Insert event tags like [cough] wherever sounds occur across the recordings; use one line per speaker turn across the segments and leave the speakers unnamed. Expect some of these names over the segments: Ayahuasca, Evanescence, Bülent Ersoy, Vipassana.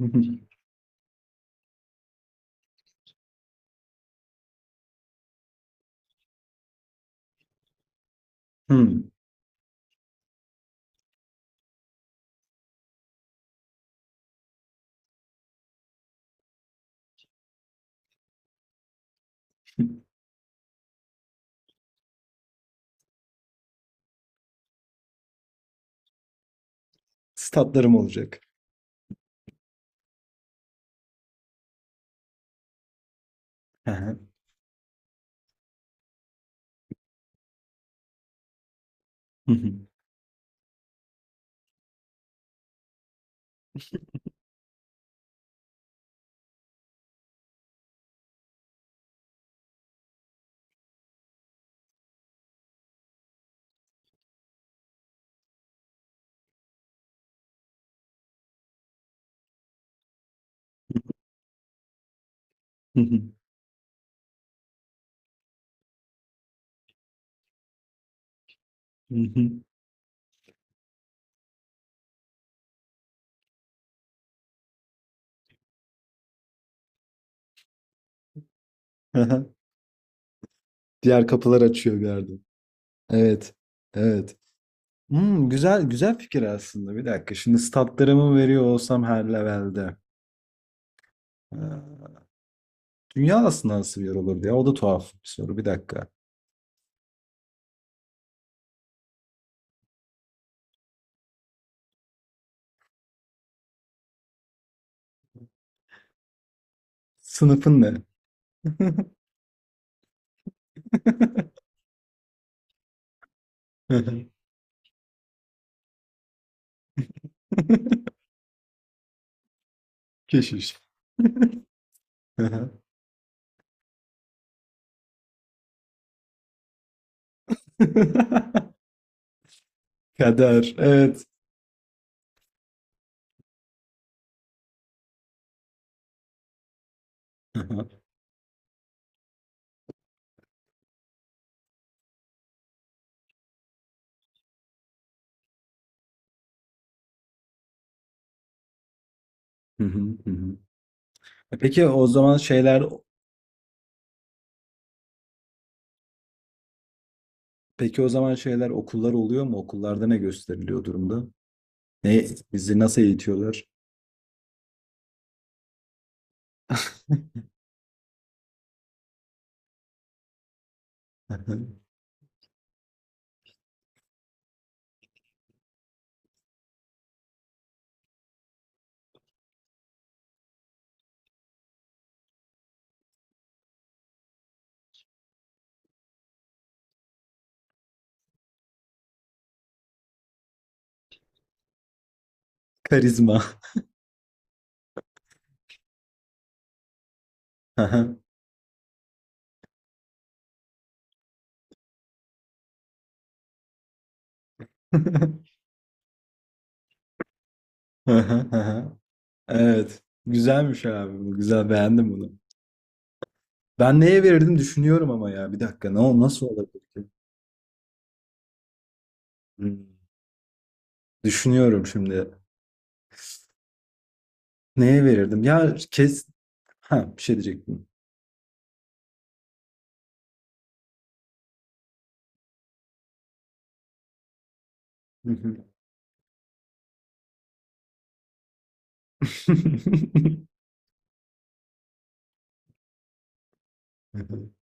[laughs] Hı hı. Hımm. Statlarım olacak. He he. Hı hı. Hı hı. Hı hı. Hı hı. Diğer kapılar açıyor bir yerde. Evet. Evet. Hımm, güzel güzel fikir aslında. Bir dakika, şimdi statlarımı veriyor olsam her level'de, eee, dünya aslında nasıl bir yer olur diye, o da tuhaf bir soru. Bir dakika. Sınıfın ne? [laughs] Hı hı. [laughs] Keşiş. [laughs] Hı hı. [laughs] Kader. Evet. Hı hı. Hı hı. Hı hı. E Peki o zaman şeyler peki o zaman şeyler okullar oluyor mu? Okullarda ne gösteriliyor durumda? Ne bizi nasıl eğitiyorlar? [laughs] Karizma. Aha. [laughs] Aha, aha. Evet. Güzelmiş abi bu. Güzel beğendim bunu. Ben neye verirdim düşünüyorum ama ya bir dakika. Ne o nasıl olabilir ki? Hmm, düşünüyorum şimdi. Neye verirdim? Ya kes ha bir şey diyecektim. Hı hı. [laughs]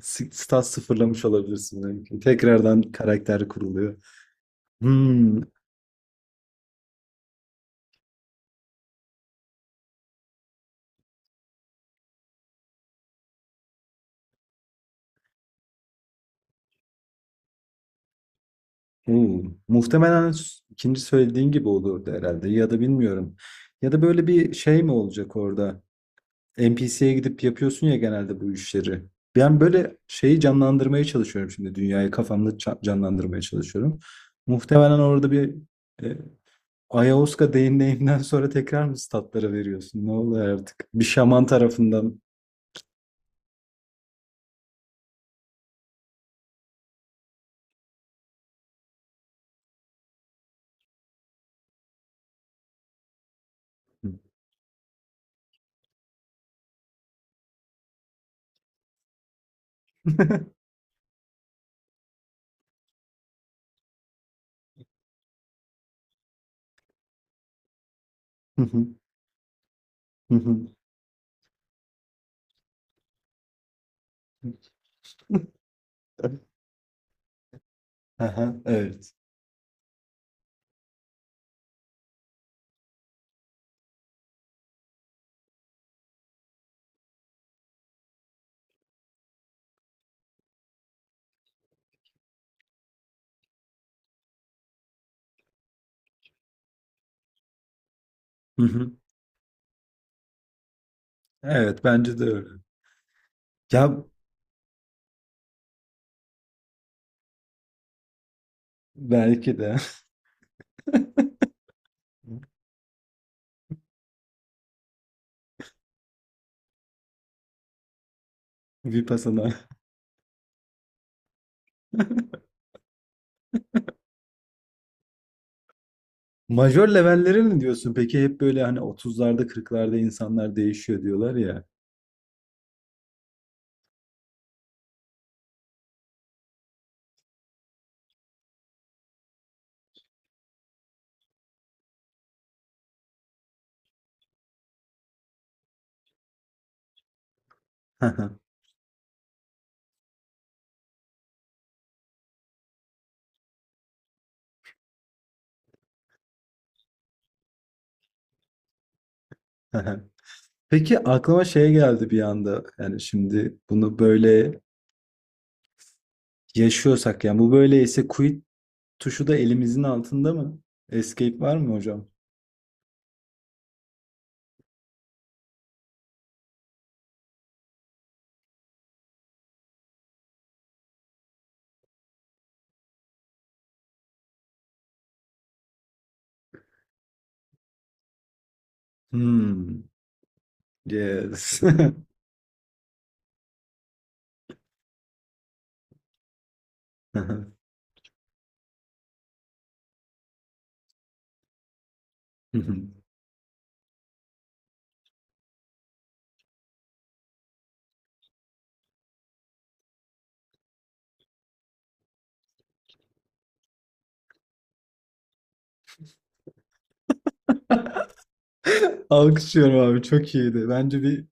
Stat sıfırlamış olabilirsin belki. Tekrardan karakter kuruluyor. Hmm, oo. Muhtemelen ikinci söylediğin gibi olurdu herhalde ya da bilmiyorum. Ya da böyle bir şey mi olacak orada? NPC'ye gidip yapıyorsun ya genelde bu işleri. Ben böyle şeyi canlandırmaya çalışıyorum şimdi dünyayı kafamda canlandırmaya çalışıyorum. Muhtemelen orada bir e, Ayahuasca deneyiminden [laughs] sonra tekrar mı statlara veriyorsun? Ne oluyor artık? Bir şaman tarafından. [laughs] [laughs] [laughs] Aha, evet. Hı hı. Evet bence de öyle. Ya belki de [laughs] Vipassana. Majör levelleri mi diyorsun? Peki hep böyle hani otuzlarda kırklarda insanlar değişiyor diyorlar ya. [laughs] Peki aklıma şey geldi bir anda. Yani şimdi bunu böyle yaşıyorsak yani bu böyleyse quit tuşu da elimizin altında mı? Escape var mı hocam? Hmm. Yes. [laughs] Alkışlıyorum abi çok iyiydi. Bence bir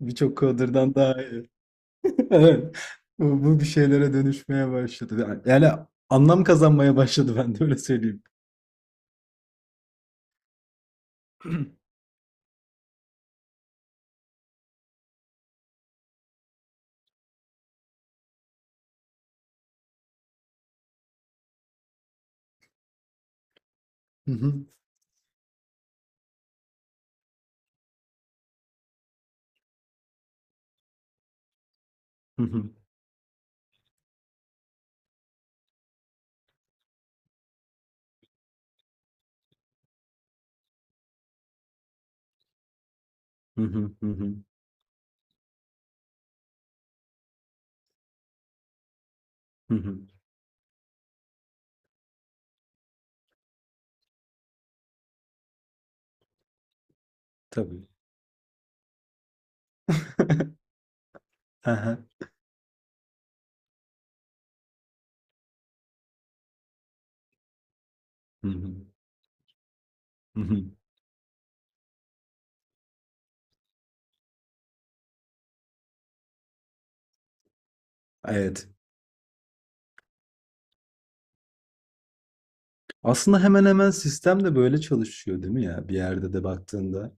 birçok coder'dan daha iyi. [laughs] Evet. Bu, bu bir şeylere dönüşmeye başladı. Yani anlam kazanmaya başladı ben de öyle söyleyeyim. Hı hı. Hı hı. Hı hı. Hı hı. Hı hı. Tabii. [laughs] Aha. Hı hı. Hı hı. Evet. Aslında hemen hemen sistem de böyle çalışıyor değil mi ya? Bir yerde de baktığında.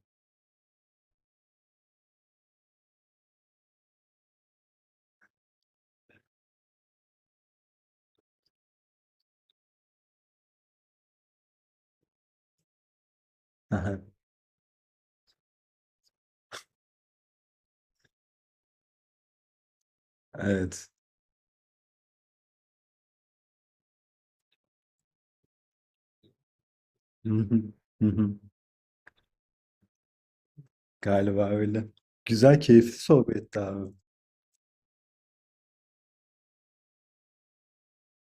Aha. Evet. Hı hı. Hı hı. Galiba öyle. Güzel, keyifli sohbetti abi.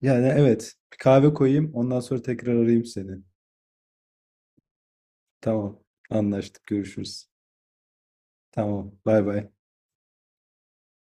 Yani evet. Bir kahve koyayım. Ondan sonra tekrar arayayım seni. Tamam. Anlaştık. Görüşürüz. Tamam. Bay bay.